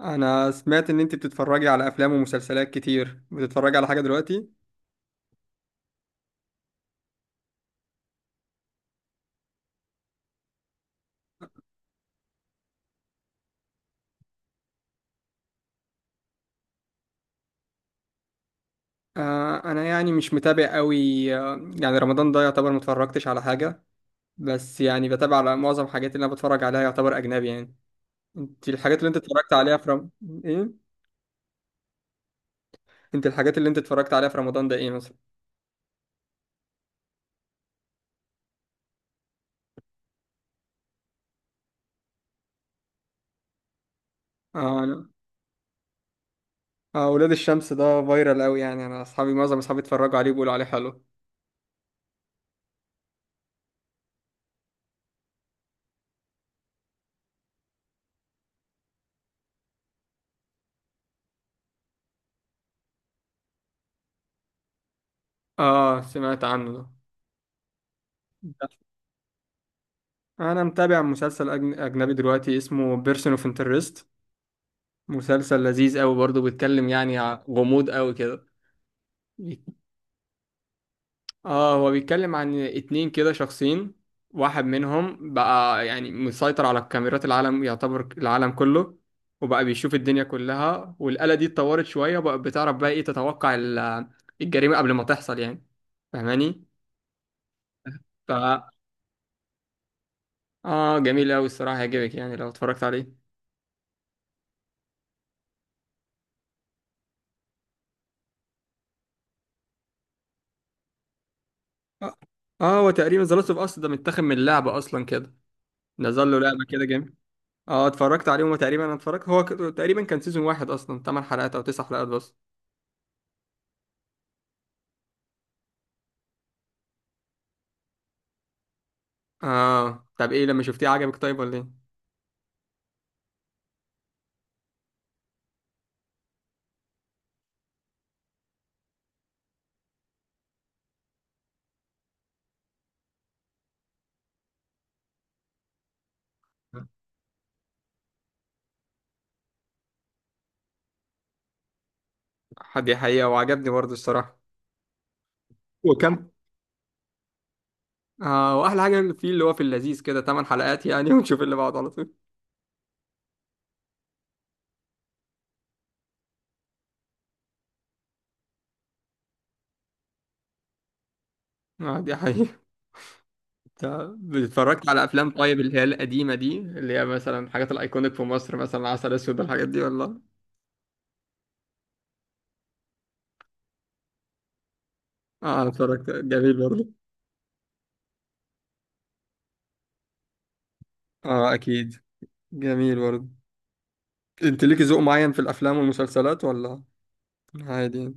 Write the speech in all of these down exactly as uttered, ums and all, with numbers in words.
انا سمعت ان انت بتتفرجي على افلام ومسلسلات كتير، بتتفرجي على حاجه دلوقتي؟ آه انا يعني مش متابع قوي. آه يعني رمضان ده يعتبر ما اتفرجتش على حاجه. بس يعني بتابع على معظم الحاجات اللي انا بتفرج عليها، يعتبر اجنبي يعني. انت الحاجات اللي انت اتفرجت عليها في رم... ايه، انت الحاجات اللي انت اتفرجت عليها في رمضان ده ايه مثلا؟ اه انا، آه ولاد الشمس ده فايرال قوي يعني، انا اصحابي، معظم اصحابي اتفرجوا عليه بيقولوا عليه حلو. اه سمعت عنه. ده انا متابع مسلسل أجن- اجنبي دلوقتي اسمه بيرسون اوف انترست. مسلسل لذيذ قوي برضه، بيتكلم يعني ع- غموض قوي كده. بي- اه هو بيتكلم عن اتنين كده شخصين. واحد منهم بقى يعني مسيطر على الكاميرات، العالم يعتبر العالم كله، وبقى بيشوف الدنيا كلها. والآلة دي اتطورت شوية وبقى بتعرف بقى ايه، تتوقع ال- الجريمة قبل ما تحصل يعني. فاهماني؟ ف، اه جميل قوي الصراحة، هيعجبك يعني لو اتفرجت عليه. اه، آه، هو تقريبا ذا لاست اوف اس ده متاخد من اللعبة اصلا كده، نزل له لعبة كده. اه اتفرجت عليهم تقريبا، انا اتفرجت، هو ك- تقريبا كان سيزون واحد اصلا تمن حلقات او تسع حلقات بس. اه طب ايه لما شفتيه عجبك طيب ولا ايه؟ حد حقيقة وعجبني برضه الصراحة. وكم، اه واحلى حاجة فيه اللي هو في اللذيذ كده تمانية حلقات يعني ونشوف اللي بعده على طول. اه دي حقيقة. طب اتفرجت على افلام طيب، اللي هي القديمة دي، اللي هي مثلا الحاجات الايكونيك في مصر، مثلا عسل اسود، الحاجات دي ولا؟ اه انا اتفرجت، جميل برضه. اه اكيد، جميل برضه. انت ليكي ذوق معين في الافلام والمسلسلات ولا عادي؟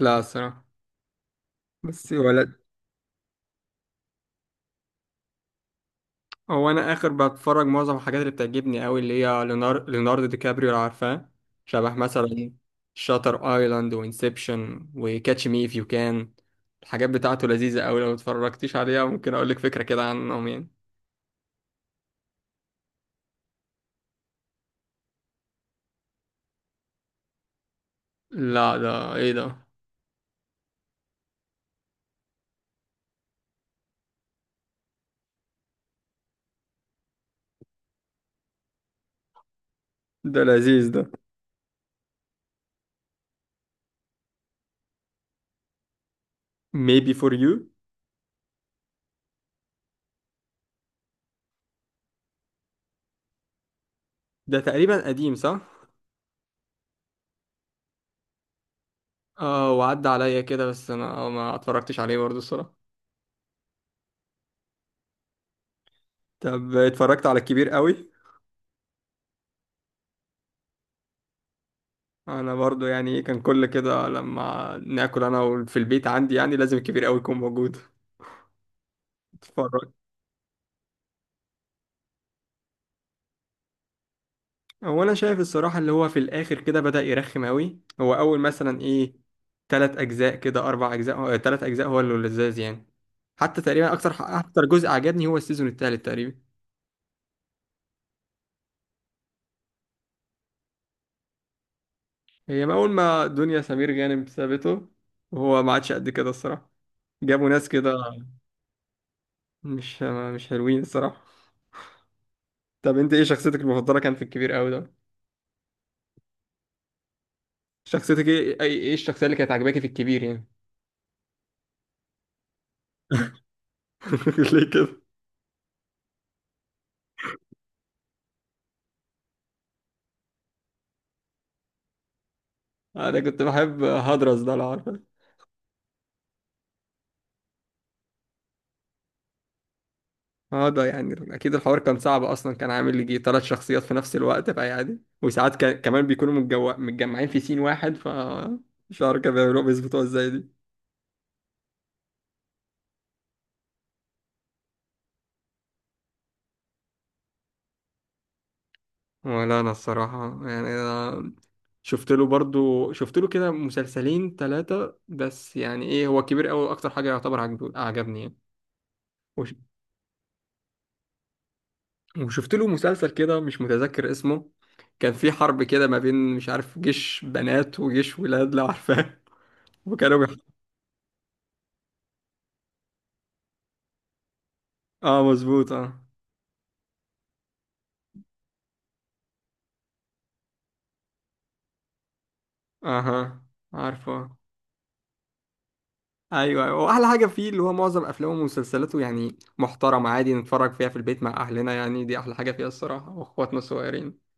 لا الصراحة، بس ولا. هو انا اخر بتفرج، معظم الحاجات اللي بتعجبني قوي اللي هي ليونار... ليوناردو دي كابريو لو عارفاه، شبه مثلا شاتر ايلاند وانسبشن وكاتش مي اف يو كان. الحاجات بتاعته لذيذة قوي، لو اتفرجتيش عليها ممكن اقول لك فكرة كده عنهم يعني. لا، ده ايه ده؟ ده لذيذ ده. Maybe for you. ده تقريبا قديم صح؟ اه وعدى عليا كده بس انا ما اتفرجتش عليه برضه الصراحة. طب اتفرجت على الكبير قوي؟ انا برضو يعني إيه، كان كل كده لما ناكل انا في البيت عندي، يعني لازم الكبير قوي يكون موجود اتفرج. هو انا شايف الصراحه اللي هو في الاخر كده بدأ يرخم قوي، هو اول مثلا ايه، تلات اجزاء كده اربع اجزاء هو- تلات اجزاء هو اللي لذاذ يعني. حتى تقريبا اكتر اكتر جزء عجبني هو السيزون التالت تقريبا. هي ما اول ما دنيا سمير غانم سابته، وهو ما عادش قد كده الصراحه، جابوا ناس كده مش مش حلوين الصراحه. طب انت ايه شخصيتك المفضله كان في الكبير قوي ده؟ شخصيتك ايه، اي- ايه الشخصية اللي كانت عاجباكي في الكبير يعني؟ ليه كده؟ انا كنت بحب هدرس ده لو عارفه. اه ده يعني اكيد الحوار كان صعب اصلا، كان عامل لي يجي ثلاث شخصيات في نفس الوقت بقى عادي، وساعات كان كمان بيكونوا متجو... متجمعين في سين واحد. ف مش عارف كانوا بيعملوها بيظبطوها ازاي دي. ولا انا الصراحه يعني، أنا شفت له برضو، شفت له كده مسلسلين ثلاثه بس، يعني ايه، هو كبير قوي اكتر حاجه يعتبر عجب... عجبني يعني. وشفت له مسلسل كده مش متذكر اسمه، كان في حرب كده ما بين مش عارف جيش بنات وجيش ولاد لو عارفاه وكانوا بيح... اه مظبوط اه. اها عارفه. ايوه ايوه، واحلى حاجه فيه اللي هو معظم افلامه ومسلسلاته يعني محترمه، عادي نتفرج فيها في البيت مع اهلنا يعني، دي احلى حاجه فيها الصراحه، واخواتنا الصغيرين.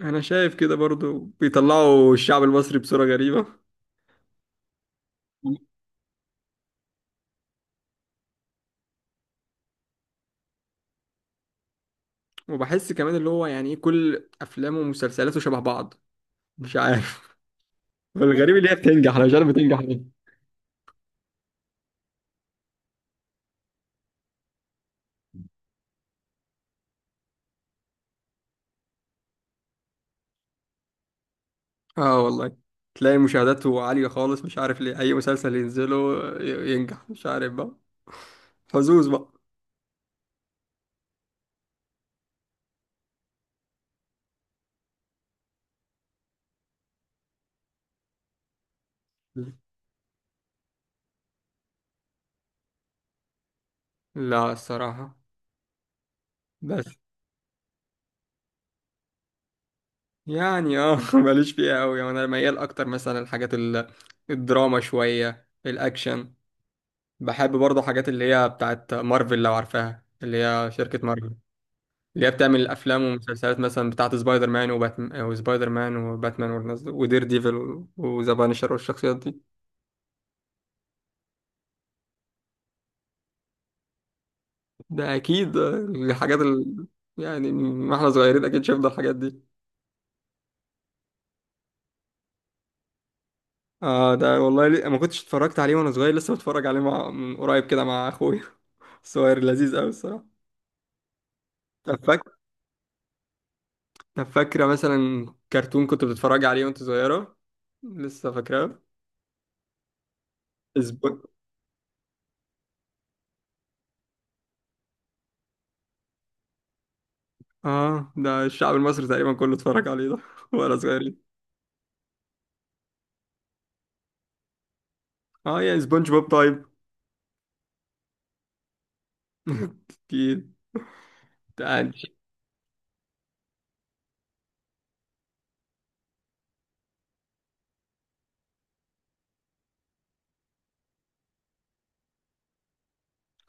انا شايف كده برضو بيطلعوا الشعب المصري بصوره غريبه. وبحس كمان اللي هو يعني ايه، كل افلامه ومسلسلاته شبه بعض، مش عارف. والغريب اللي هي بتنجح، انا مش عارف بتنجح. اه والله، تلاقي مشاهداته عالية خالص، مش عارف ليه. أي مسلسل ينزله ي- ينجح، مش عارف بقى، حظوظ بقى. لا الصراحة، بس يعني اه ماليش فيها أوي يعني، أنا ميال أكتر مثلا الحاجات ال- الدراما شوية الأكشن. بحب برضه حاجات اللي هي بتاعت مارفل لو عارفاها، اللي هي شركة مارفل، اللي هي بتعمل الأفلام والمسلسلات مثلا بتاعت سبايدر مان وباتمان وسبايدر مان وباتمان والناس دول، ودير ديفل وذا بانشر والشخصيات دي. ده اكيد، آه، الحاجات ال... يعني ما احنا صغيرين اكيد شفنا الحاجات دي. اه ده والله، لي... ما كنتش اتفرجت عليه وانا صغير، لسه بتفرج عليه مع... من قريب كده مع اخويا. الصغير لذيذ قوي الصراحه. طب فاك... طب فاكره مثلا كرتون كنت بتتفرج عليه وانت صغيره، لسه فاكراه؟ سبون... اه ده الشعب المصري تقريبا كله اتفرج عليه ده وانا صغير. اه يا سبونج بوب طيب اكيد.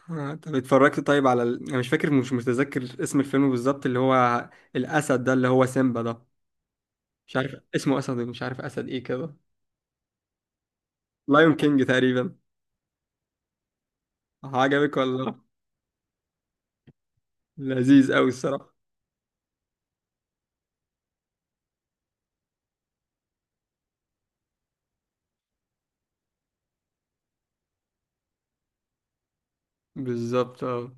آه، طب اتفرجت طيب على ال... انا مش فاكر، مش متذكر اسم الفيلم بالظبط اللي هو الاسد ده اللي هو سيمبا ده، مش عارف اسمه، اسد مش عارف اسد ايه كده، لايون كينج تقريبا. عجبك ولا لا؟ لذيذ قوي الصراحه. بالظبط اه.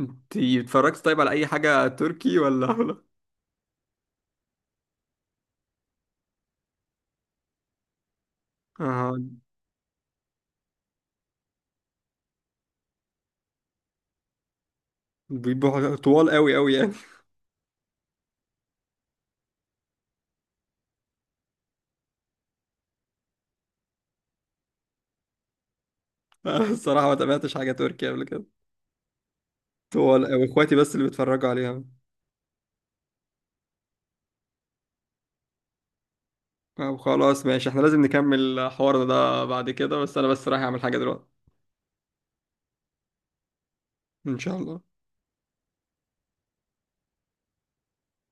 انت اتفرجت طيب على اي حاجه تركي ولا ولا؟ اه بيبقوا طوال قوي قوي يعني. الصراحه ما تابعتش حاجه تركي قبل كده، طوال قوي، اخواتي بس اللي بيتفرجوا عليها. طب خلاص ماشي، احنا لازم نكمل حوارنا ده بعد كده، بس انا بس رايح اعمل حاجه دلوقتي. ان شاء الله.